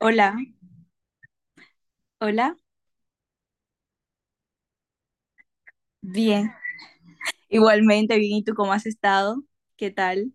Hola, hola. Bien, igualmente bien. ¿Y tú cómo has estado? ¿Qué tal?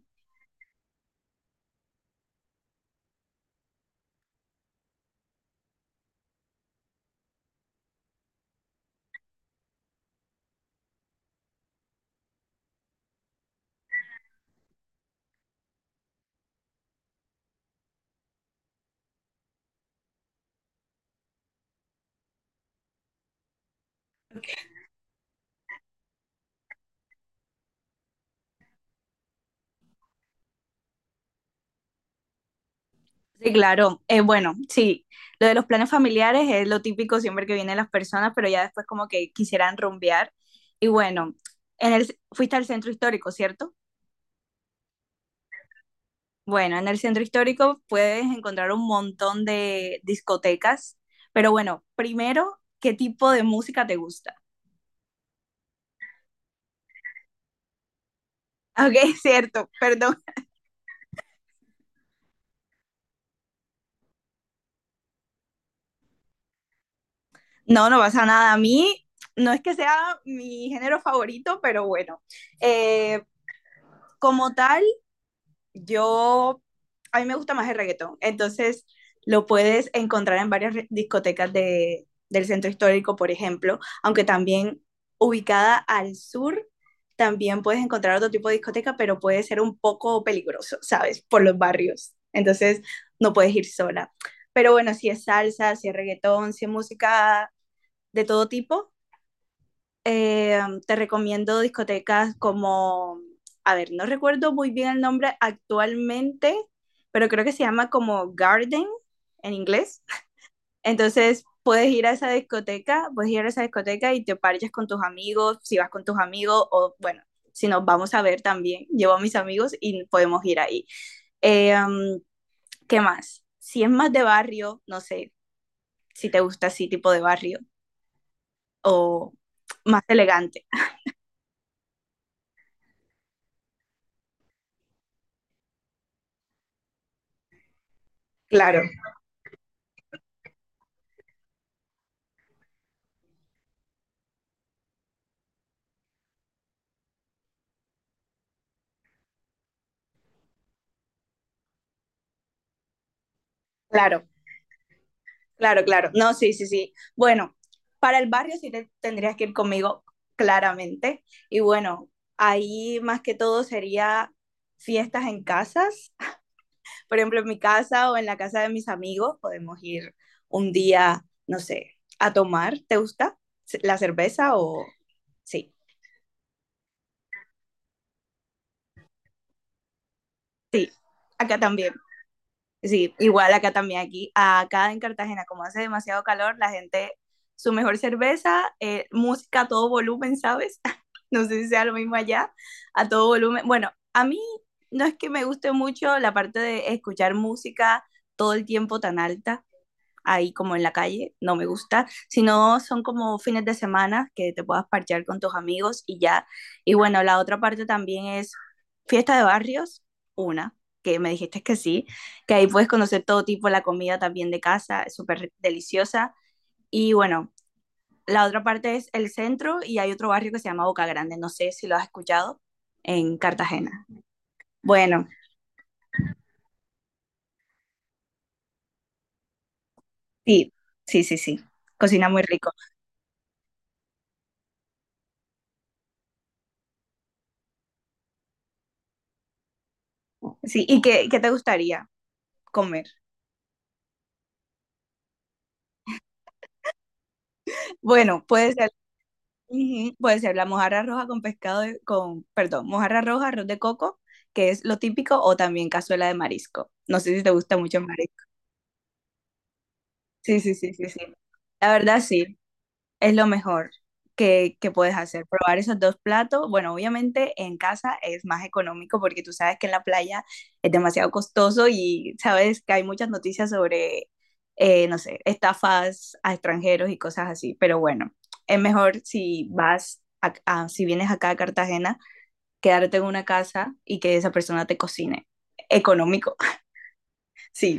Sí, claro. Bueno, sí, lo de los planes familiares es lo típico siempre que vienen las personas, pero ya después como que quisieran rumbear. Y bueno, fuiste al centro histórico, ¿cierto? Bueno, en el centro histórico puedes encontrar un montón de discotecas, pero bueno, primero, ¿qué tipo de música te gusta? Ok, cierto, perdón. No, no pasa nada. A mí no es que sea mi género favorito, pero bueno, eh, como tal, yo, a mí me gusta más el reggaetón. Entonces, lo puedes encontrar en varias discotecas del centro histórico, por ejemplo, aunque también ubicada al sur, también puedes encontrar otro tipo de discoteca, pero puede ser un poco peligroso, ¿sabes? Por los barrios. Entonces, no puedes ir sola. Pero bueno, si es salsa, si es reggaetón, si es música de todo tipo, eh, te recomiendo discotecas como, a ver, no recuerdo muy bien el nombre actualmente, pero creo que se llama como Garden en inglés. Entonces puedes ir a esa discoteca, puedes ir a esa discoteca y te parches con tus amigos, si vas con tus amigos o bueno, si nos vamos a ver también, llevo a mis amigos y podemos ir ahí. Eh, um, ¿Qué más? Si es más de barrio, no sé si te gusta así tipo de barrio o más elegante. Claro, claro. Claro, claro. No, sí, sí, sí. Bueno, para el barrio sí te tendrías que ir conmigo, claramente. Y bueno, ahí más que todo sería fiestas en casas. Por ejemplo, en mi casa o en la casa de mis amigos podemos ir un día, no sé, a tomar. ¿Te gusta la cerveza o...? Sí, acá también. Sí, igual acá también, aquí, acá en Cartagena, como hace demasiado calor, la gente, su mejor cerveza, música a todo volumen, ¿sabes? No sé si sea lo mismo allá, a todo volumen. Bueno, a mí no es que me guste mucho la parte de escuchar música todo el tiempo tan alta, ahí como en la calle, no me gusta, sino son como fines de semana que te puedas parchear con tus amigos y ya. Y bueno, la otra parte también es fiesta de barrios, una, que me dijiste que sí, que ahí puedes conocer todo tipo, la comida también de casa, es súper deliciosa. Y bueno, la otra parte es el centro y hay otro barrio que se llama Boca Grande, no sé si lo has escuchado, en Cartagena. Bueno, sí, sí, sí, sí, cocina muy rico. Sí, ¿y qué, qué te gustaría comer? Bueno, puede ser, ujú, puede ser la mojarra roja con perdón, mojarra roja, arroz de coco, que es lo típico, o también cazuela de marisco. No sé si te gusta mucho el marisco. Sí, sí, sí, sí, sí. La verdad, sí. Es lo mejor que puedes hacer, probar esos dos platos. Bueno, obviamente en casa es más económico porque tú sabes que en la playa es demasiado costoso y sabes que hay muchas noticias sobre, no sé, estafas a extranjeros y cosas así. Pero bueno, es mejor si vas, si vienes acá a Cartagena, quedarte en una casa y que esa persona te cocine. Económico, sí.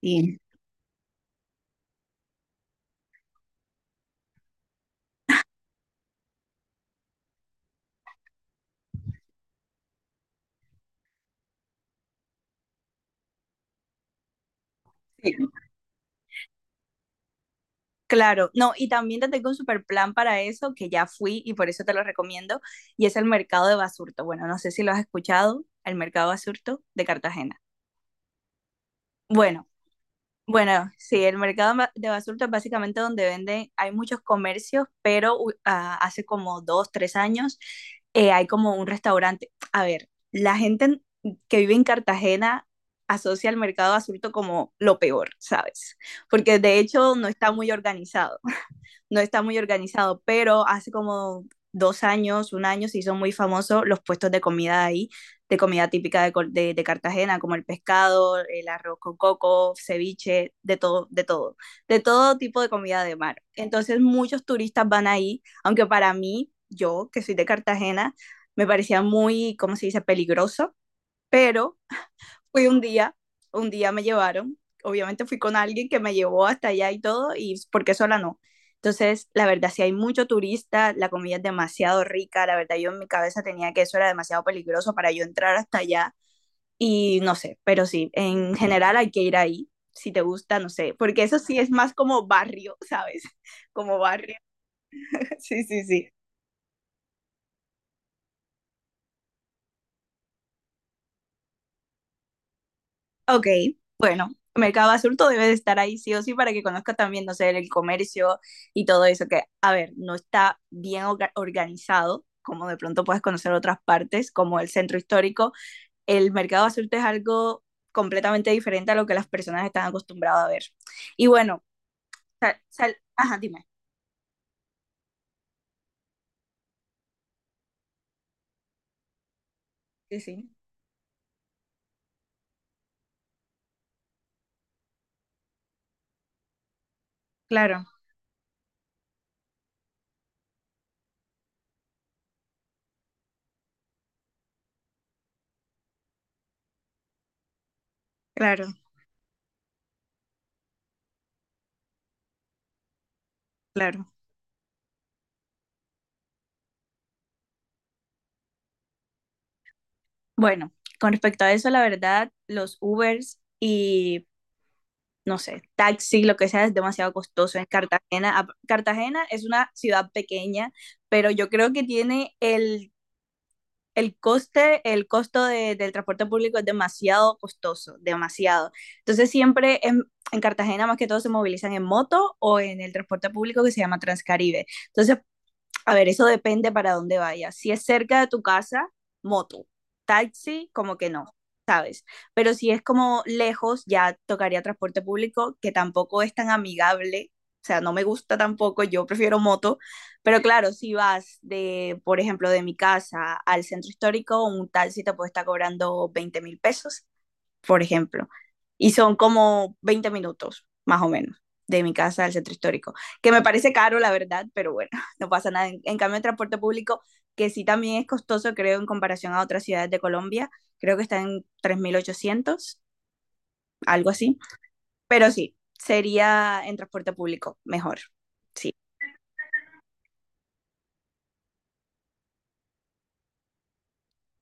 Sí, sí. Claro, no, y también te tengo un super plan para eso, que ya fui y por eso te lo recomiendo, y es el mercado de Basurto. Bueno, no sé si lo has escuchado, el mercado Basurto de Cartagena. Bueno, bueno, sí, el mercado de Basurto es básicamente donde venden, hay muchos comercios, pero hace como dos, tres años hay como un restaurante. A ver, la gente que vive en Cartagena asocia el mercado Basurto como lo peor, ¿sabes? Porque de hecho no está muy organizado, pero hace como dos años, un año, se hizo muy famoso los puestos de comida ahí, de comida típica de Cartagena, como el pescado, el arroz con coco, ceviche, de todo tipo de comida de mar. Entonces muchos turistas van ahí, aunque para mí, yo que soy de Cartagena, me parecía muy, ¿cómo se dice?, peligroso, pero fui un día me llevaron, obviamente fui con alguien que me llevó hasta allá y todo, y porque sola no. Entonces, la verdad, si hay mucho turista, la comida es demasiado rica, la verdad, yo en mi cabeza tenía que eso era demasiado peligroso para yo entrar hasta allá, y no sé, pero sí, en general hay que ir ahí, si te gusta, no sé, porque eso sí es más como barrio, ¿sabes? Como barrio, sí, sí, sí. Ok, mercado adulto debe de estar ahí sí o sí para que conozca también, no sé, el comercio y todo eso, que, a ver, no está bien organizado, como de pronto puedes conocer otras partes, como el centro histórico. El mercado adulto es algo completamente diferente a lo que las personas están acostumbradas a ver. Y bueno, ajá, dime. Sí, sí. Claro, claro, claro. Bueno, con respecto a eso, la verdad, los Ubers y no sé, taxi, lo que sea, es demasiado costoso en Cartagena. Cartagena es una ciudad pequeña, pero yo creo que tiene el coste, el del transporte público es demasiado costoso, demasiado. Entonces siempre en Cartagena más que todo se movilizan en moto o en el transporte público que se llama Transcaribe. Entonces a ver, eso depende para dónde vayas. Si es cerca de tu casa, moto. Taxi, como que no, ¿sabes? Pero si es como lejos, ya tocaría transporte público, que tampoco es tan amigable. O sea, no me gusta tampoco, yo prefiero moto. Pero claro, si vas de, por ejemplo, de mi casa al centro histórico, un taxi te puede estar cobrando 20.000 pesos por ejemplo, y son como 20 minutos, más o menos, de mi casa al centro histórico, que me parece caro, la verdad, pero bueno, no pasa nada. En cambio, el transporte público, que sí también es costoso, creo, en comparación a otras ciudades de Colombia, creo que está en 3.800 algo así, pero sí, sería en transporte público mejor. Sí.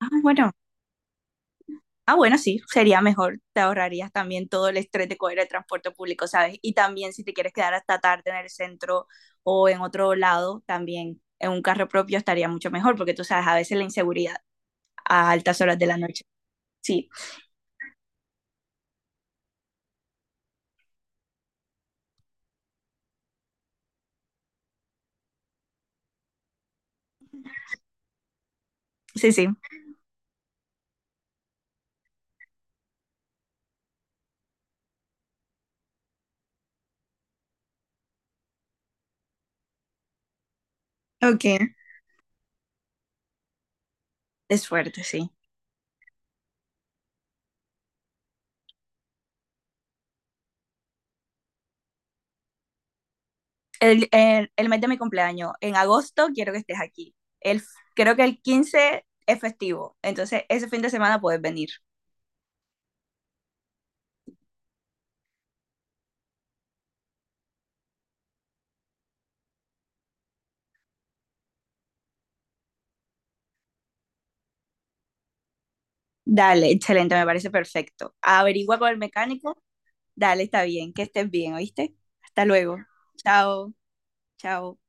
Ah, bueno, Ah, bueno, sí, sería mejor. Te ahorrarías también todo el estrés de coger el transporte público, ¿sabes? Y también si te quieres quedar hasta tarde en el centro o en otro lado, también en un carro propio estaría mucho mejor, porque tú sabes, a veces la inseguridad a altas horas de la noche. Sí, sí, sí. Ok. Es fuerte, sí. El mes de mi cumpleaños, en agosto quiero que estés aquí. El, creo que el 15 es festivo, entonces ese fin de semana puedes venir. Dale, excelente, me parece perfecto. Averigua con el mecánico. Dale, está bien, que estés bien, ¿oíste? Hasta luego. Chao, chao.